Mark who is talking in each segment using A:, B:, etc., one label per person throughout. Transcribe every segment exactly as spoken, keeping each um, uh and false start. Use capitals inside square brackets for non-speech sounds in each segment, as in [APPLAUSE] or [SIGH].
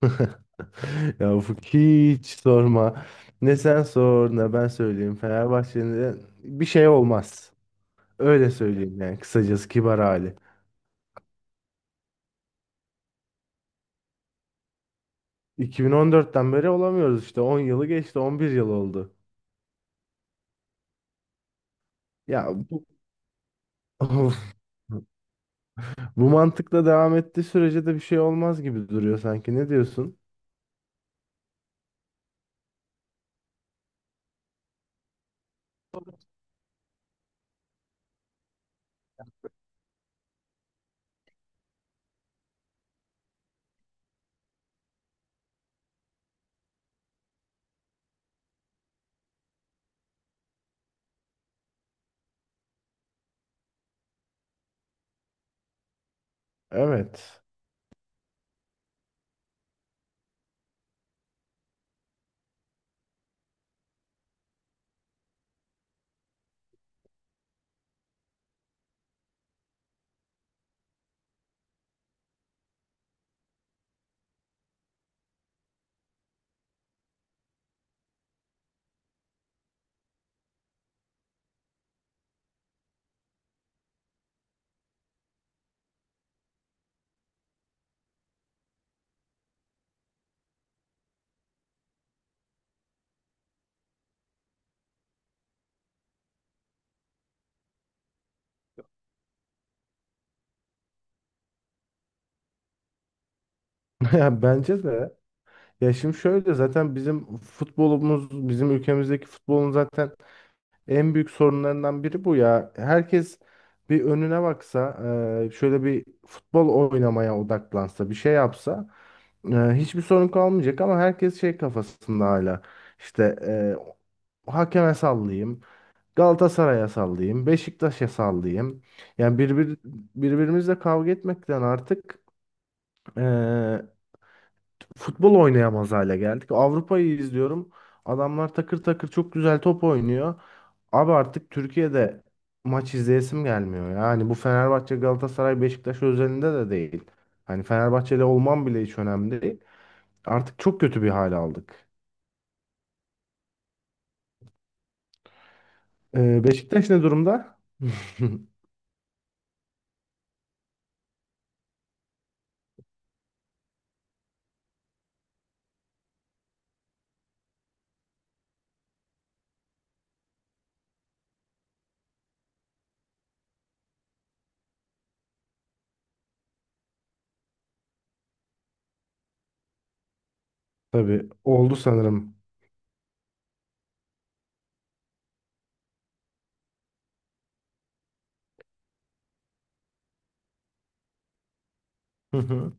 A: [LAUGHS] Ya Ufuk hiç sorma. Ne sen sor ne ben söyleyeyim. Fenerbahçe'nin bir şey olmaz. Öyle söyleyeyim yani kısacası kibar hali. iki bin on dörtten beri olamıyoruz işte. on yılı geçti, on bir yıl oldu. Ya bu [LAUGHS] bu mantıkla devam ettiği sürece de bir şey olmaz gibi duruyor sanki. Ne diyorsun? Evet. [LAUGHS] Ya bence de. Ya şimdi şöyle zaten bizim futbolumuz, bizim ülkemizdeki futbolun zaten en büyük sorunlarından biri bu ya. Herkes bir önüne baksa, e, şöyle bir futbol oynamaya odaklansa, bir şey yapsa e, hiçbir sorun kalmayacak ama herkes şey kafasında hala. İşte e, hakeme sallayayım, Galatasaray'a sallayayım, Beşiktaş'a sallayayım. Yani birbir, birbirimizle kavga etmekten artık e, futbol oynayamaz hale geldik. Avrupa'yı izliyorum. Adamlar takır takır çok güzel top oynuyor. Abi artık Türkiye'de maç izleyesim gelmiyor. Yani bu Fenerbahçe, Galatasaray, Beşiktaş özelinde de değil. Hani Fenerbahçeli olmam bile hiç önemli değil. Artık çok kötü bir hal aldık. Ee, Beşiktaş ne durumda? [LAUGHS] Tabii oldu sanırım. Hı hı.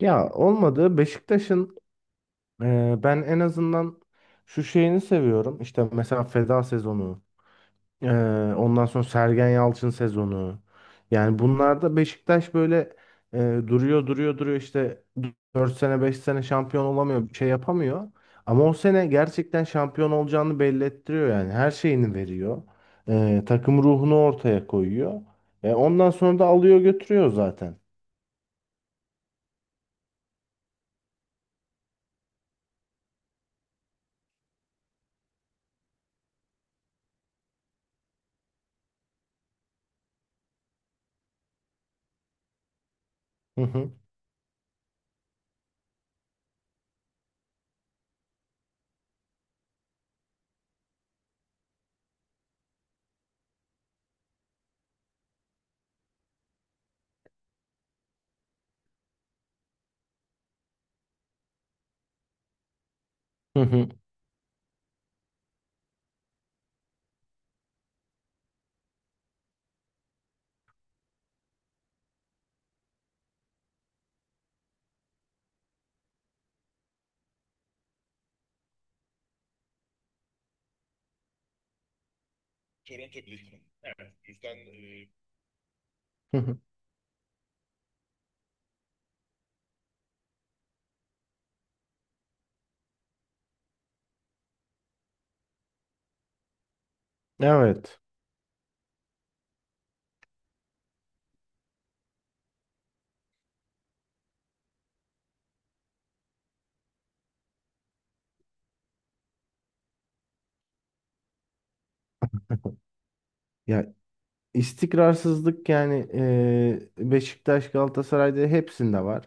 A: Ya olmadı. Beşiktaş'ın e, ben en azından şu şeyini seviyorum. İşte mesela feda sezonu. Ee, ondan sonra Sergen Yalçın sezonu. Yani bunlarda Beşiktaş böyle e, duruyor duruyor duruyor işte dört sene beş sene şampiyon olamıyor bir şey yapamıyor. Ama o sene gerçekten şampiyon olacağını belli ettiriyor yani her şeyini veriyor. Ee, takım ruhunu ortaya koyuyor. E, ondan sonra da alıyor götürüyor zaten. Hı hı, hı hı, hı hı. Evet. Ya İstikrarsızlık yani e, Beşiktaş, Galatasaray'da hepsinde var.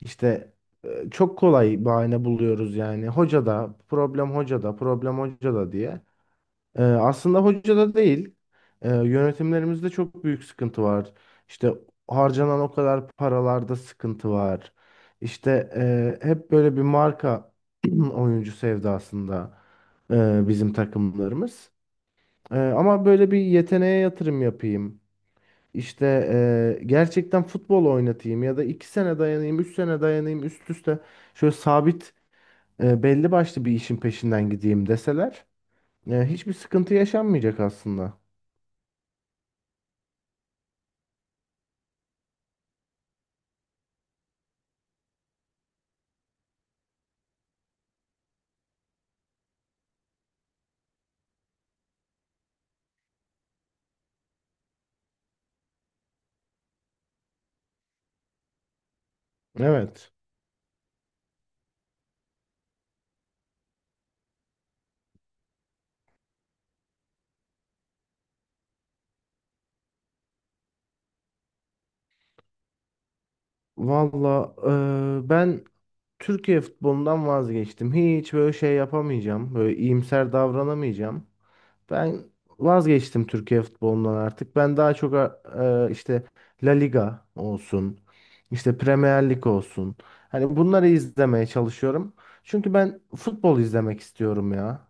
A: İşte e, çok kolay bahane buluyoruz yani. Hoca da problem hoca da problem hoca da diye. E, aslında hoca da değil. E, yönetimlerimizde çok büyük sıkıntı var. İşte harcanan o kadar paralarda sıkıntı var. İşte e, hep böyle bir marka [CLEARS THROAT] oyuncu sevdasında e, bizim takımlarımız. E, ama böyle bir yeteneğe yatırım yapayım. İşte eee, gerçekten futbol oynatayım ya da iki sene dayanayım, üç sene dayanayım üst üste şöyle sabit eee, belli başlı bir işin peşinden gideyim deseler eee, hiçbir sıkıntı yaşanmayacak aslında. Evet. Valla eee, ben Türkiye futbolundan vazgeçtim. Hiç böyle şey yapamayacağım. Böyle iyimser davranamayacağım. Ben vazgeçtim Türkiye futbolundan artık. Ben daha çok e, işte La Liga olsun, işte Premier Lig olsun. Hani bunları izlemeye çalışıyorum. Çünkü ben futbol izlemek istiyorum ya.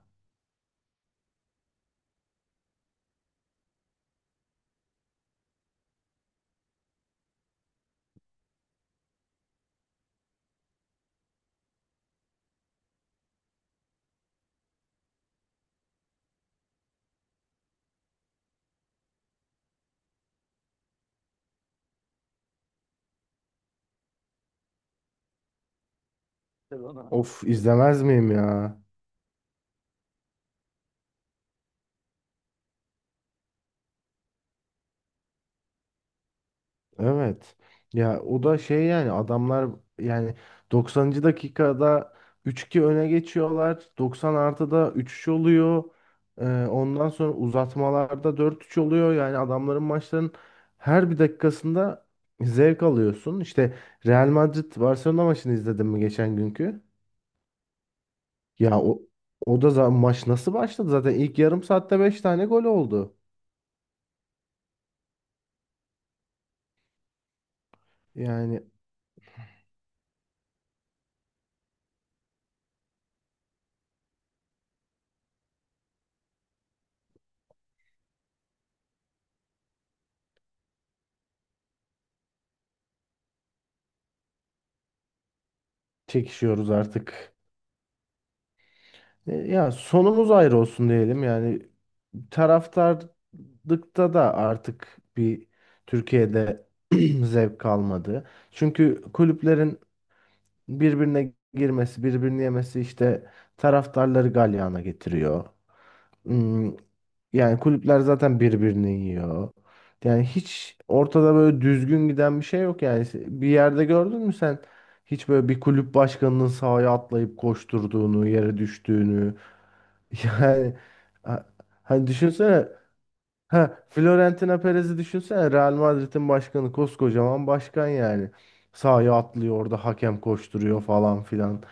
A: Of izlemez miyim ya? Evet. Ya o da şey yani adamlar yani doksanıncı dakikada üç iki öne geçiyorlar. Doksan artıda üç üç oluyor. Ee, ondan sonra uzatmalarda dört üç oluyor. Yani adamların maçların her bir dakikasında zevk alıyorsun. İşte Real Madrid Barcelona maçını izledin mi geçen günkü? Ya o o da za- maç nasıl başladı? Zaten ilk yarım saatte beş tane gol oldu. Yani çekişiyoruz artık. E, Ya sonumuz ayrı olsun diyelim yani taraftarlıkta da artık bir Türkiye'de [CLEARS THROAT] zevk kalmadı. Çünkü kulüplerin birbirine girmesi, birbirini yemesi işte taraftarları galyana getiriyor. Hmm, Yani kulüpler zaten birbirini yiyor. Yani hiç ortada böyle düzgün giden bir şey yok yani. Bir yerde gördün mü sen hiç böyle bir kulüp başkanının sahaya atlayıp koşturduğunu, yere düştüğünü. [LAUGHS] Yani ha- hani düşünsene. Ha, Florentino Perez'i düşünsene, Real Madrid'in başkanı, koskocaman başkan yani. Sahaya atlıyor orada hakem koşturuyor falan filan.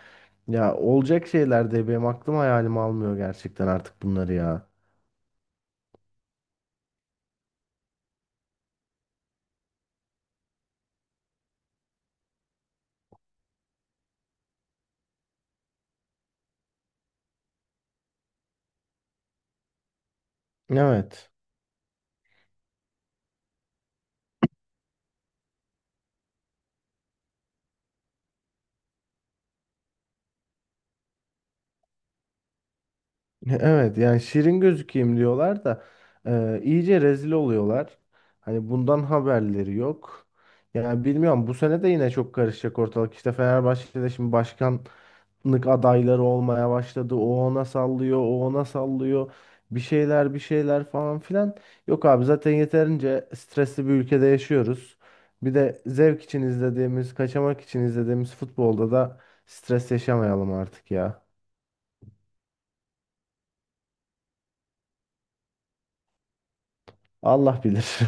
A: Ya olacak şeyler de benim aklım hayalim almıyor gerçekten artık bunları ya. Evet. Evet yani şirin gözükeyim diyorlar da e, iyice rezil oluyorlar. Hani bundan haberleri yok. Yani bilmiyorum bu sene de yine çok karışacak ortalık. İşte Fenerbahçe'de şimdi başkanlık adayları olmaya başladı. O ona sallıyor, o ona sallıyor. Bir şeyler bir şeyler falan filan. Yok abi zaten yeterince stresli bir ülkede yaşıyoruz. Bir de zevk için izlediğimiz, kaçamak için izlediğimiz futbolda da stres yaşamayalım artık ya. Allah bilir.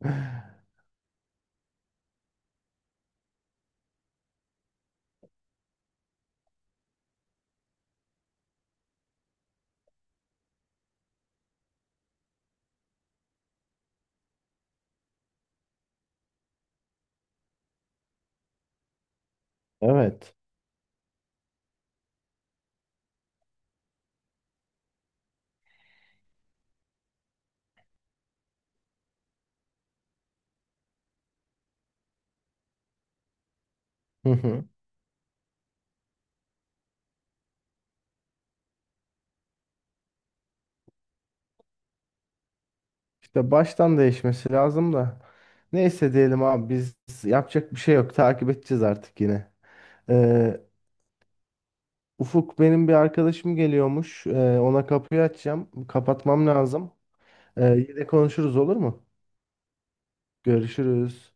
A: [LAUGHS] Evet. Hı hı. İşte baştan değişmesi lazım da. Neyse diyelim abi biz yapacak bir şey yok. Takip edeceğiz artık yine. Ee, Ufuk benim bir arkadaşım geliyormuş. Ee, ona kapıyı açacağım. Kapatmam lazım. Ee, yine konuşuruz olur mu? Görüşürüz.